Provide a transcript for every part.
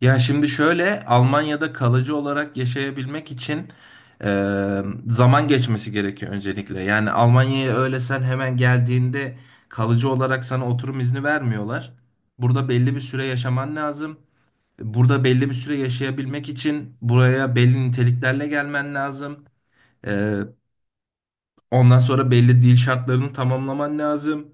Ya şimdi şöyle Almanya'da kalıcı olarak yaşayabilmek için e, zaman geçmesi gerekiyor öncelikle. Yani Almanya'ya öyle sen hemen geldiğinde kalıcı olarak sana oturum izni vermiyorlar. Burada belli bir süre yaşaman lazım. Burada belli bir süre yaşayabilmek için buraya belli niteliklerle gelmen lazım. E, ondan sonra belli dil şartlarını tamamlaman lazım.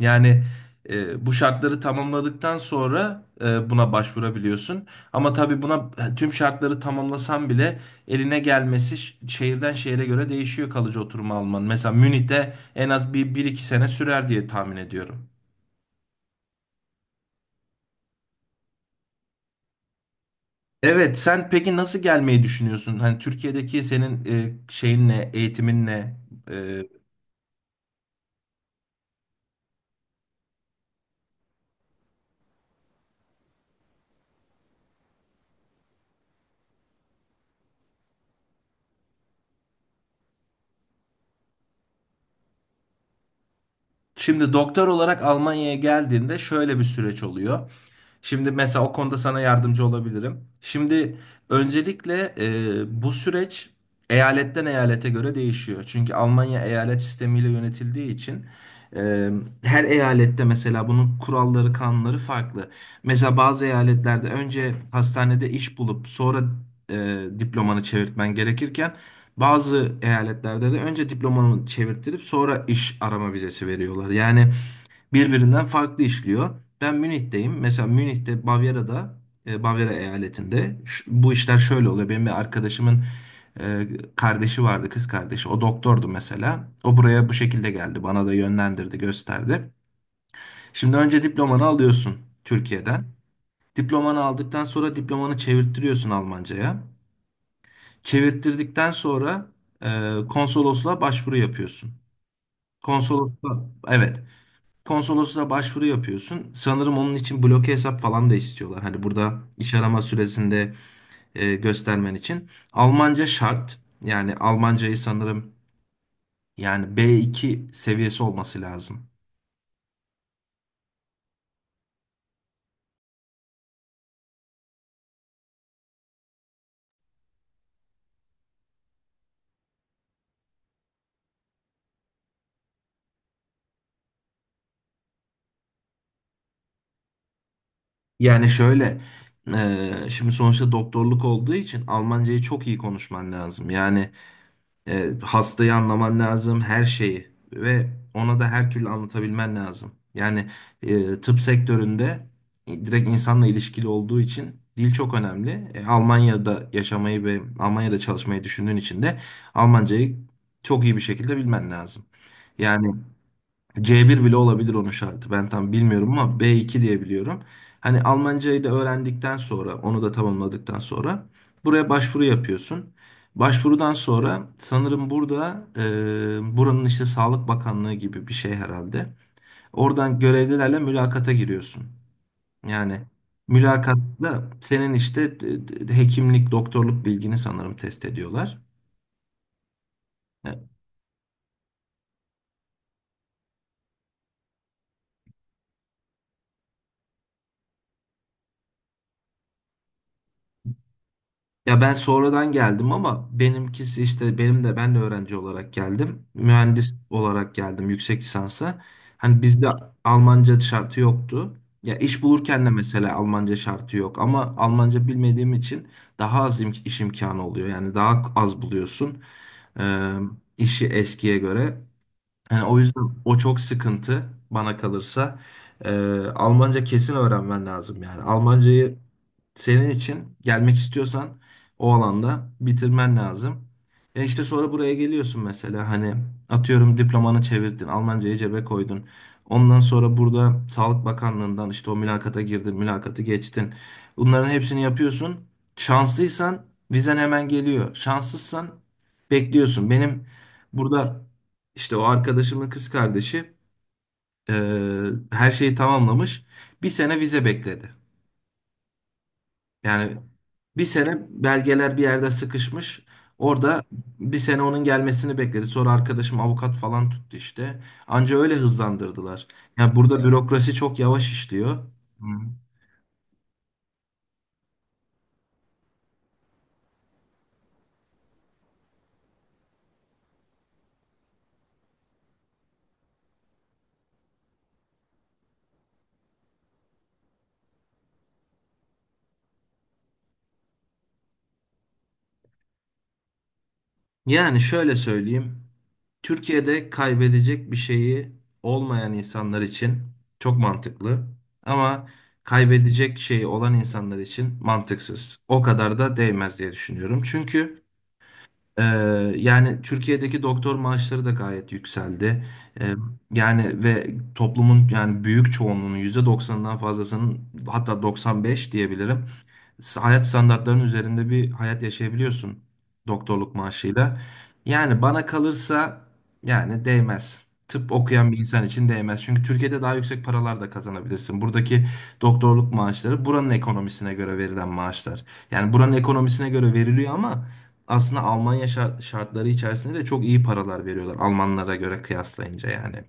Yani bu şartları tamamladıktan sonra buna başvurabiliyorsun. Ama tabii buna tüm şartları tamamlasan bile eline gelmesi şehirden şehire göre değişiyor kalıcı oturma alman. Mesela Münih'te en az bir iki sene sürer diye tahmin ediyorum. Evet, sen peki nasıl gelmeyi düşünüyorsun? Hani Türkiye'deki senin şeyin ne, eğitimin ne, E, Şimdi doktor olarak Almanya'ya geldiğinde şöyle bir süreç oluyor. Şimdi mesela o konuda sana yardımcı olabilirim. Şimdi öncelikle bu süreç eyaletten eyalete göre değişiyor. Çünkü Almanya eyalet sistemiyle yönetildiği için e, her eyalette mesela bunun kuralları, kanunları farklı. Mesela bazı eyaletlerde önce hastanede iş bulup sonra diplomanı çevirtmen gerekirken bazı eyaletlerde de önce diplomanı çevirttirip sonra iş arama vizesi veriyorlar. Yani birbirinden farklı işliyor. Ben Münih'teyim. Mesela Münih'te Bavyera'da, Bavyera eyaletinde bu işler şöyle oluyor. Benim bir arkadaşımın e, kardeşi vardı, kız kardeşi. O doktordu mesela. O buraya bu şekilde geldi. Bana da yönlendirdi, gösterdi. Şimdi önce diplomanı alıyorsun Türkiye'den. Diplomanı aldıktan sonra diplomanı çevirttiriyorsun Almanca'ya. Çevirttirdikten sonra konsolosluğa başvuru yapıyorsun. Konsolosluğa evet. Konsolosluğa başvuru yapıyorsun. Sanırım onun için bloke hesap falan da istiyorlar. Hani burada iş arama süresinde göstermen için. Almanca şart. Yani Almancayı sanırım yani B2 seviyesi olması lazım. Yani şöyle şimdi sonuçta doktorluk olduğu için Almancayı çok iyi konuşman lazım. Yani hastayı anlaman lazım, her şeyi ve ona da her türlü anlatabilmen lazım. Yani tıp sektöründe direkt insanla ilişkili olduğu için dil çok önemli. Almanya'da yaşamayı ve Almanya'da çalışmayı düşündüğün için de Almancayı çok iyi bir şekilde bilmen lazım. Yani C1 bile olabilir onun şartı. Ben tam bilmiyorum ama B2 diye biliyorum. Hani Almancayı da öğrendikten sonra, onu da tamamladıktan sonra buraya başvuru yapıyorsun. Başvurudan sonra sanırım burada buranın işte Sağlık Bakanlığı gibi bir şey herhalde. Oradan görevlilerle mülakata giriyorsun. Yani mülakatta senin işte hekimlik, doktorluk bilgini sanırım test ediyorlar. E, Ya ben sonradan geldim ama benimkisi işte benim de ben de öğrenci olarak geldim. Mühendis olarak geldim yüksek lisansa. Hani bizde Almanca şartı yoktu. Ya iş bulurken de mesela Almanca şartı yok ama Almanca bilmediğim için daha az iş imkanı oluyor. Yani daha az buluyorsun. Ee, işi eskiye göre. Yani o yüzden o çok sıkıntı bana kalırsa. Almanca kesin öğrenmen lazım yani. Almancayı senin için gelmek istiyorsan o alanda bitirmen lazım. E işte sonra buraya geliyorsun mesela hani atıyorum diplomanı çevirdin, Almancayı cebe koydun. Ondan sonra burada Sağlık Bakanlığından işte o mülakata girdin, mülakatı geçtin. Bunların hepsini yapıyorsun. Şanslıysan vizen hemen geliyor. Şanssızsan bekliyorsun. Benim burada işte o arkadaşımın kız kardeşi eee, her şeyi tamamlamış. Bir sene vize bekledi. Yani bir sene belgeler bir yerde sıkışmış. Orada bir sene onun gelmesini bekledi. Sonra arkadaşım avukat falan tuttu işte. Anca öyle hızlandırdılar. Yani burada bürokrasi çok yavaş işliyor. Hı. Yani şöyle söyleyeyim. Türkiye'de kaybedecek bir şeyi olmayan insanlar için çok mantıklı ama kaybedecek şeyi olan insanlar için mantıksız. O kadar da değmez diye düşünüyorum. Çünkü ee, yani Türkiye'deki doktor maaşları da gayet yükseldi. Ee, Yani ve toplumun yani büyük çoğunluğunun %90'ından fazlasının hatta 95 diyebilirim. Hayat standartlarının üzerinde bir hayat yaşayabiliyorsun doktorluk maaşıyla. Yani bana kalırsa yani değmez. Tıp okuyan bir insan için değmez. Çünkü Türkiye'de daha yüksek paralar da kazanabilirsin. Buradaki doktorluk maaşları buranın ekonomisine göre verilen maaşlar. Yani buranın ekonomisine göre veriliyor ama aslında Almanya şartları içerisinde de çok iyi paralar veriyorlar Almanlara göre kıyaslayınca yani.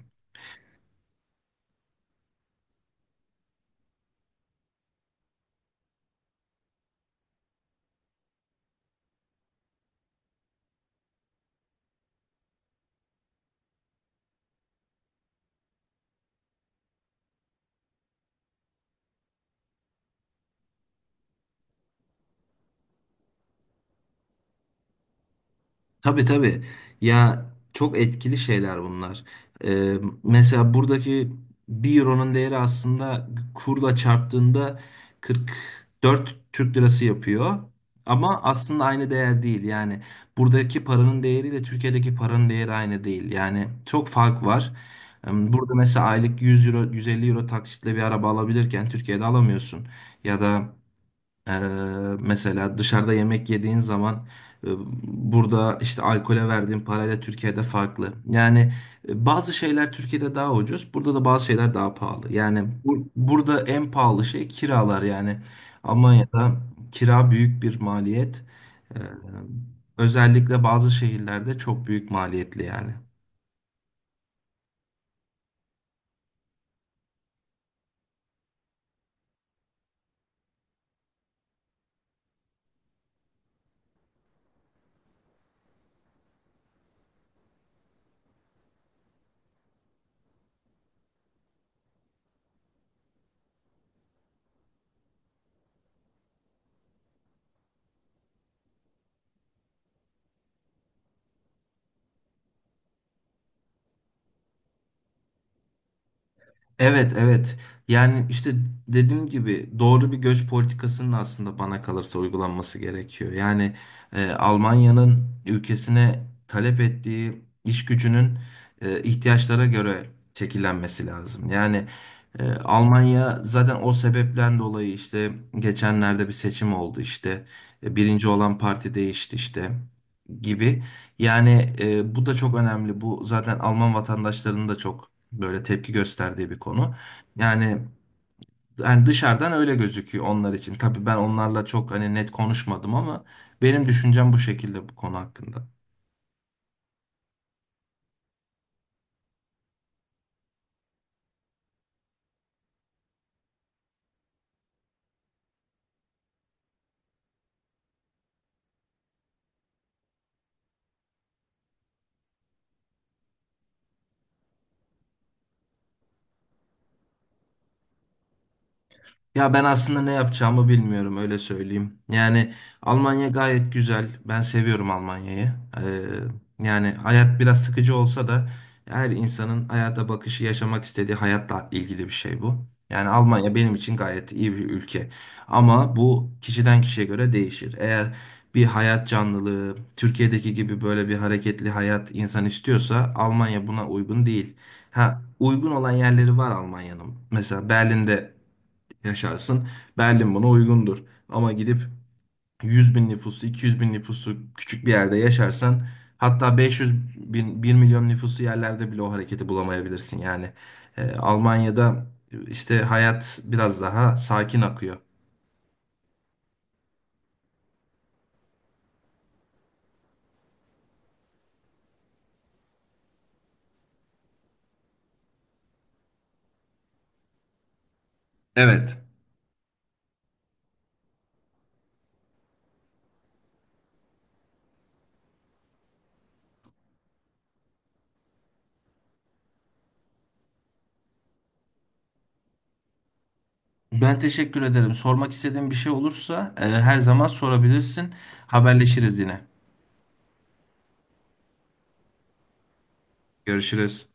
Tabii tabii. Ya çok etkili şeyler bunlar. Ee, mesela buradaki bir euronun değeri aslında kurla çarptığında 44 Türk lirası yapıyor. Ama aslında aynı değer değil. Yani buradaki paranın değeriyle Türkiye'deki paranın değeri aynı değil. Yani çok fark var. Burada mesela aylık 100 euro, 150 euro taksitle bir araba alabilirken Türkiye'de alamıyorsun. Ya da ee, mesela dışarıda yemek yediğin zaman e, burada işte alkole verdiğin parayla Türkiye'de farklı. Yani bazı şeyler Türkiye'de daha ucuz, burada da bazı şeyler daha pahalı. Yani burada en pahalı şey kiralar yani. Almanya'da kira büyük bir maliyet. Ee, özellikle bazı şehirlerde çok büyük maliyetli yani. Evet, evet. Yani işte dediğim gibi doğru bir göç politikasının aslında bana kalırsa uygulanması gerekiyor. Yani Almanya'nın ülkesine talep ettiği iş gücünün ihtiyaçlara göre şekillenmesi lazım. Yani Almanya zaten o sebepten dolayı işte geçenlerde bir seçim oldu. İşte E, birinci olan parti değişti işte gibi. Yani bu da çok önemli. Bu zaten Alman vatandaşlarının da çok böyle tepki gösterdiği bir konu. Yani yani dışarıdan öyle gözüküyor onlar için. Tabii ben onlarla çok hani net konuşmadım ama benim düşüncem bu şekilde bu konu hakkında. Ya ben aslında ne yapacağımı bilmiyorum öyle söyleyeyim. Yani Almanya gayet güzel. Ben seviyorum Almanya'yı. Ee, yani hayat biraz sıkıcı olsa da her insanın hayata bakışı, yaşamak istediği hayatla ilgili bir şey bu. Yani Almanya benim için gayet iyi bir ülke. Ama bu kişiden kişiye göre değişir. Eğer bir hayat canlılığı, Türkiye'deki gibi böyle bir hareketli hayat insan istiyorsa Almanya buna uygun değil. Ha, uygun olan yerleri var Almanya'nın. Mesela Berlin'de yaşarsın. Berlin buna uygundur. Ama gidip 100 bin nüfusu, 200 bin nüfusu küçük bir yerde yaşarsan hatta 500 bin, 1.000.000 nüfusu yerlerde bile o hareketi bulamayabilirsin. Yani Almanya'da işte hayat biraz daha sakin akıyor. Evet. Ben teşekkür ederim. Sormak istediğin bir şey olursa her zaman sorabilirsin. Haberleşiriz yine. Görüşürüz.